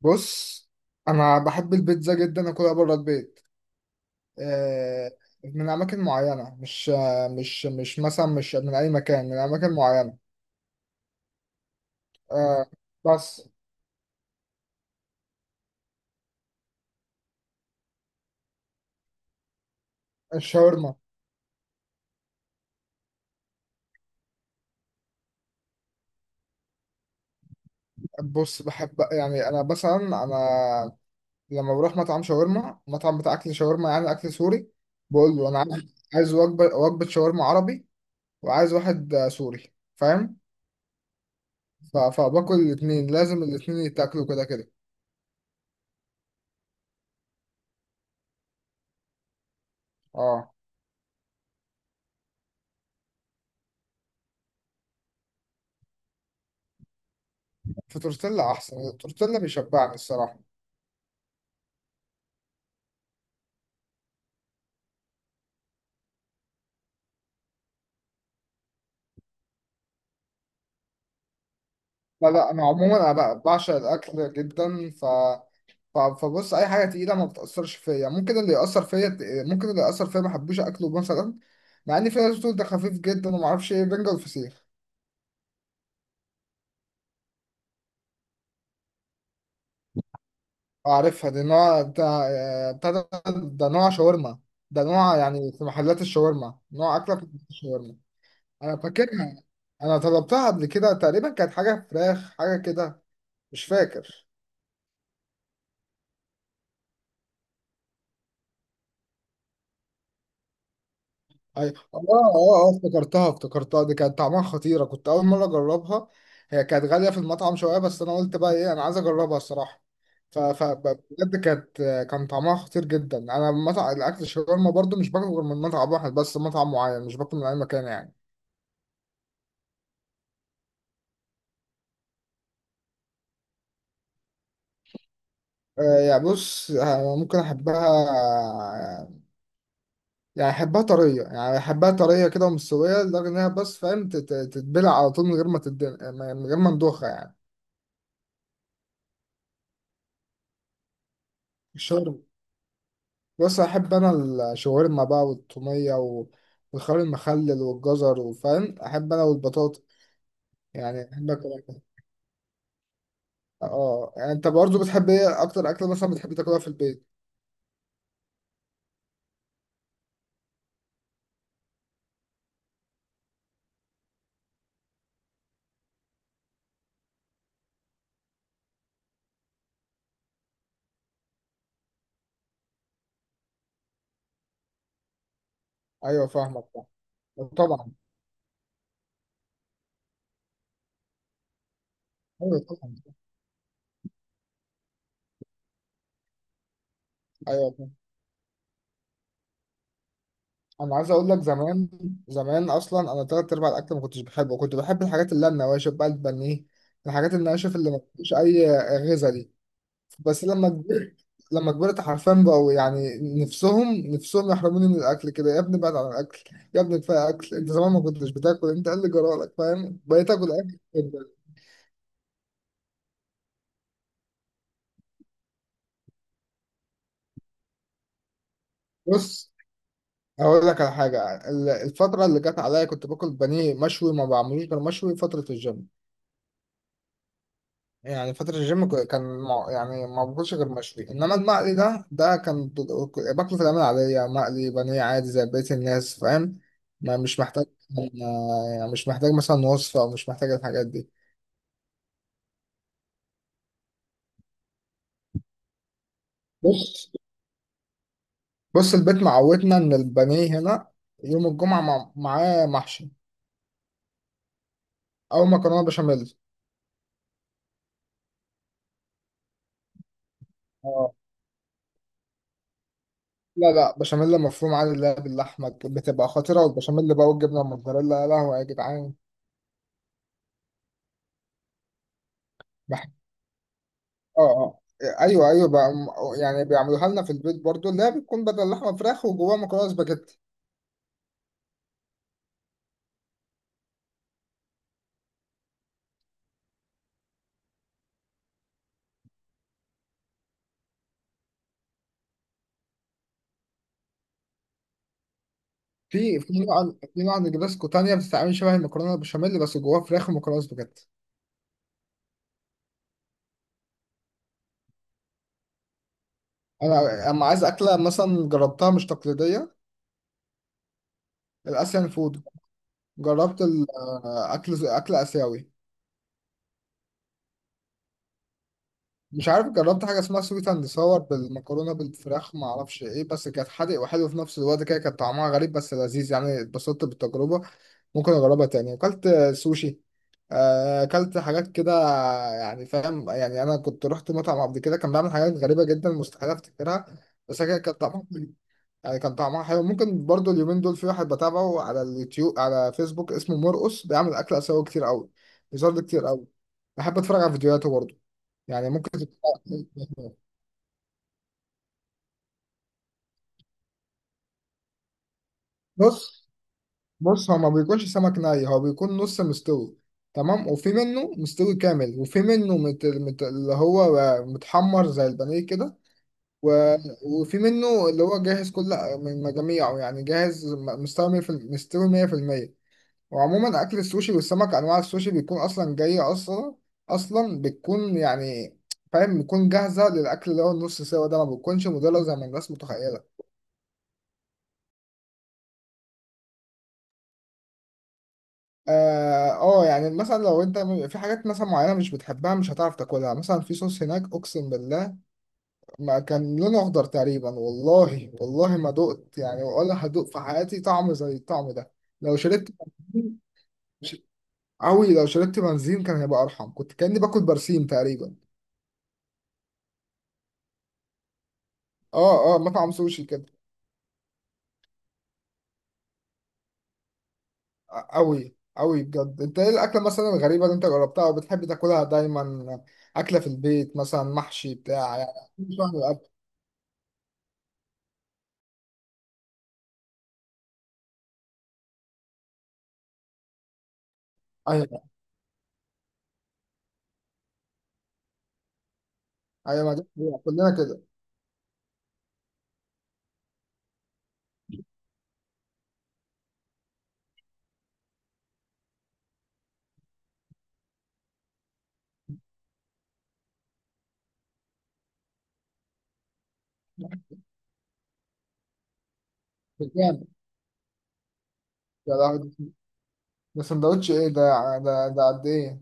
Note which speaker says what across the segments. Speaker 1: بص، انا بحب البيتزا جدا اكلها بره البيت، آه، من اماكن معينه. مش مثلا مش من اي مكان، من اماكن معينه. آه، بس. الشاورما، بص بحب يعني انا مثلا، انا لما بروح مطعم شاورما، مطعم بتاع اكل شاورما يعني اكل سوري، بقول له انا عايز وجبه شاورما عربي، وعايز واحد سوري، فاهم؟ ف- فباكل الاثنين، لازم الاثنين يتاكلوا كده كده. اه، في تورتيلا احسن. التورتيلا بيشبعني الصراحه. لا، انا عموما بقى بعشق الاكل جدا. ف ف- فبص اي حاجه تقيله ما بتاثرش فيا. ممكن اللي ياثر فيا ما احبوش اكله مثلا. مع ان في ناس بتقول ده خفيف جدا وما اعرفش ايه، بنجر، الفسيخ. اعرفها دي، نوع بتاع بتاع ده ده نوع شاورما. ده نوع يعني في محلات الشاورما، نوع اكله في محلات الشاورما. انا فاكرها، انا طلبتها قبل كده. تقريبا كانت حاجه فراخ، حاجه كده، مش فاكر. ايوه، افتكرتها دي. كانت طعمها خطيرة، كنت أول مرة أجربها. هي كانت غالية في المطعم شوية، بس أنا قلت بقى إيه، أنا عايز أجربها الصراحة. بجد كانت، كان طعمها خطير جدا. أنا مطعم الأكل الشاورما برضو مش باكل غير من مطعم واحد بس، مطعم معين، مش باكل من أي مكان يعني. يعني بص، ممكن أحبها، يعني أحبها طرية. كده، ومستوية لدرجة إنها، بس فاهم، تتبلع على طول من غير ما تدن، من غير ما ندوخها يعني. الشاورما، بص احب انا الشاورما بقى، والطوميه والخيار المخلل والجزر، وفاهم احب انا، والبطاطا. يعني احب اكل أكل. اه، يعني انت برضو بتحب ايه اكتر اكله مثلا بتحب تاكلها في البيت؟ ايوه فاهمك. فاهم، طبعا. ايوه طبعا. ايوه فاهم. انا عايز اقول لك، زمان اصلا انا تلات ارباع الاكل ما كنتش بحبه. كنت بحب الحاجات اللي هي النواشف بقى، البانيه، الحاجات النواشف اللي ما فيش اي غذاء. بس لما كبرت، حرفيا بقوا يعني نفسهم يحرموني من الاكل كده. يا ابني بعد عن الاكل، يا ابني كفايه اكل انت، زمان ما كنتش بتاكل، انت إيه اللي جرالك، فاهم؟ بقيت اكل اكل جداً. بص، هقول لك على حاجه، الفتره اللي جت عليا كنت باكل بانيه مشوي، ما بعملوش غير مشوي، فتره الجيم. يعني فترة الجيم يعني ما باكلش غير مشوي. انما المقلي ده، كان باكله في الأيام العادية مقلي، بانيه عادي زي بقية الناس، فاهم؟ ما مش محتاج يعني مش محتاج مثلا وصفة، او مش محتاج الحاجات دي. بص، البيت معودنا ان البانيه هنا يوم الجمعة معاه محشي او مكرونة بشاميل. اه، لا بشاميل مفروم عادي. اللي هي باللحمة بتبقى خطيرة، والبشاميل بقى والجبنة الموتزاريلا، يا لهوي يا جدعان. اه اه، ايوه ايوه بقى. يعني بيعملوها لنا في البيت برضو، اللي هي بتكون بدل لحمه فراخ، وجواها مكرونه سباجيتي. في نوع، في نوع نجرسكو تانية بتتعمل شبه المكرونه البشاميل، بس جواها فراخ ومكرونه سباجيتي. انا اما عايز اكله مثلا جربتها مش تقليديه، الاسيان فود. جربت الاكل، اكل اسيوي. مش عارف، جربت حاجه اسمها سويت اند صور بالمكرونه بالفراخ، ما اعرفش ايه، بس كانت حادق وحلو في نفس الوقت كده. كان طعمها غريب بس لذيذ، يعني اتبسطت بالتجربه، ممكن اجربها تاني. اكلت سوشي، اكلت حاجات كده يعني، فاهم؟ يعني انا كنت رحت مطعم قبل كده كان بيعمل حاجات غريبه جدا، مستحيل افتكرها. بس هي كانت طعمها، يعني كان طعمها حلو. ممكن برضو اليومين دول في واحد بتابعه على اليوتيوب على فيسبوك اسمه مرقص، بيعمل اكل اسيوي كتير قوي، بيظهر لي كتير قوي. بحب اتفرج على فيديوهاته برضو. يعني ممكن. بص، هو ما بيكونش سمك ني، هو بيكون نص مستوي. تمام، وفي منه مستوي كامل، وفي منه اللي هو متحمر زي البانيه كده. و... وفي منه اللي هو جاهز كل من مجاميعه، يعني جاهز مستوي مية في مستوي 100%. وعموما اكل السوشي والسمك، انواع السوشي بيكون اصلا جاية، اصلا بتكون يعني، فاهم، بتكون جاهزة للاكل. اللي هو النص سوا ده ما بتكونش مدلة زي ما الناس متخيلة. اه، يعني مثلا لو انت، في حاجات مثلا معينه مش بتحبها مش هتعرف تاكلها. مثلا في صوص هناك، اقسم بالله ما كان لونه اخضر تقريبا، والله ما دقت يعني ولا هدوق في حياتي طعم زي الطعم ده. لو شربت بنزين، قوي. لو شربت بنزين كان هيبقى ارحم، كنت كاني باكل برسيم تقريبا. اه اه، مطعم سوشي كده. قوي قوي بجد. انت ايه الاكله مثلا الغريبه اللي انت جربتها وبتحب تاكلها دايما؟ اكله في البيت مثلا محشي بتاع يعني. ايوه ما دي حقيقة، كلنا كده. بجد؟ يا لهوي، ده سندوتش ايه ده؟ ده قد ايه؟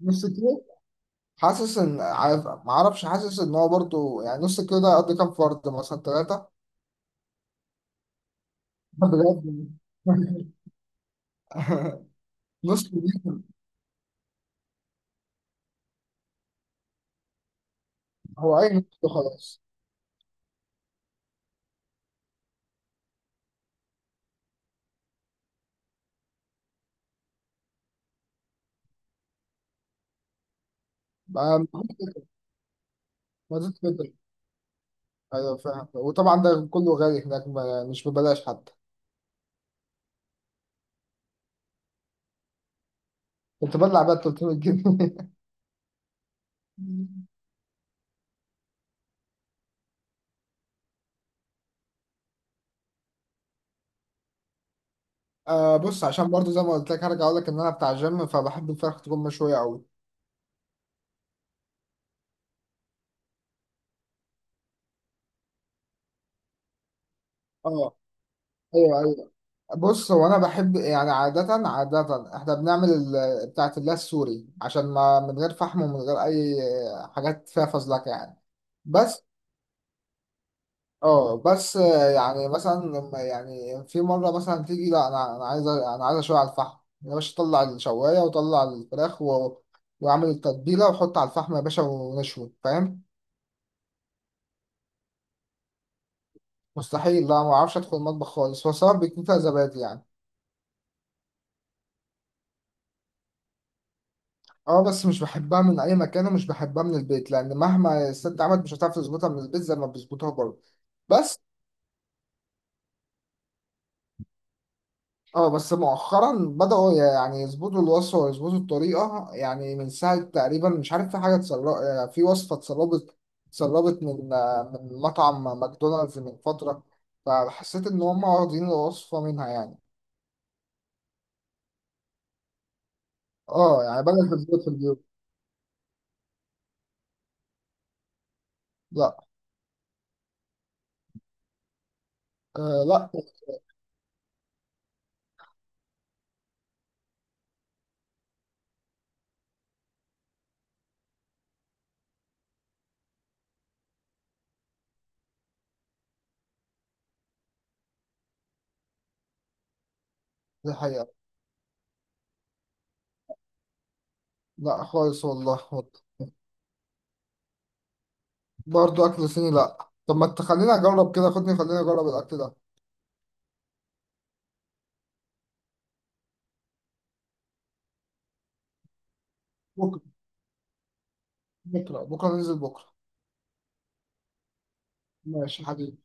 Speaker 1: نص كيلو؟ حاسس ان، عارف، ما اعرفش، حاسس ان هو برضه يعني نص كيلو ده قد كام فرد، مثلا ثلاثة؟ بجد؟ نص كيلو. هو اي نص كيلو، خلاص. ما ما زدت كده. ايوه فاهم، وطبعا ده كله غالي هناك، مش ببلاش حتى. كنت بلع بقى 300 جنيه؟ آه بص، عشان برضه زي ما قلت لك هرجع اقول لك ان انا بتاع جيم، فبحب الفراخ تكون مشوية قوي. اه ايوه ايوه. بص، هو انا بحب يعني عادة، احنا بنعمل بتاعة الله السوري، عشان ما من غير فحم ومن غير اي حاجات فيها فزلكة يعني. بس. اه، بس. يعني مثلا لما يعني في مرة مثلا تيجي، لا انا، عايز اشوي على الفحم يا باشا، طلع الشواية وطلع الفراخ واعمل التتبيلة وحط على الفحم يا باشا، ونشوي فاهم. مستحيل، لا ما اعرفش ادخل المطبخ خالص. هو سواء بيكون فيها زبادي يعني. اه بس، مش بحبها من اي مكان ومش بحبها من البيت، لان مهما الست عملت مش هتعرف تظبطها من البيت زي ما بيظبطوها بره. بس. اه بس مؤخرا بدأوا يعني يظبطوا الوصفة ويظبطوا الطريقة، يعني من ساعة تقريبا مش عارف في حاجة اتسربت، يعني في وصفة اتسربت، اتسربت من من مطعم ماكدونالدز من فترة. فحسيت ان هم واخدين الوصفة منها يعني. اه يعني بدأت تظبط في البيوت. لا. آه لا دي حقيقة. لا خالص والله. برضه اكل صيني لا، طب ما تخليني اجرب كده، خدني خليني اجرب الاكل ده. بكره، بكره ننزل بكره. ماشي حبيبي.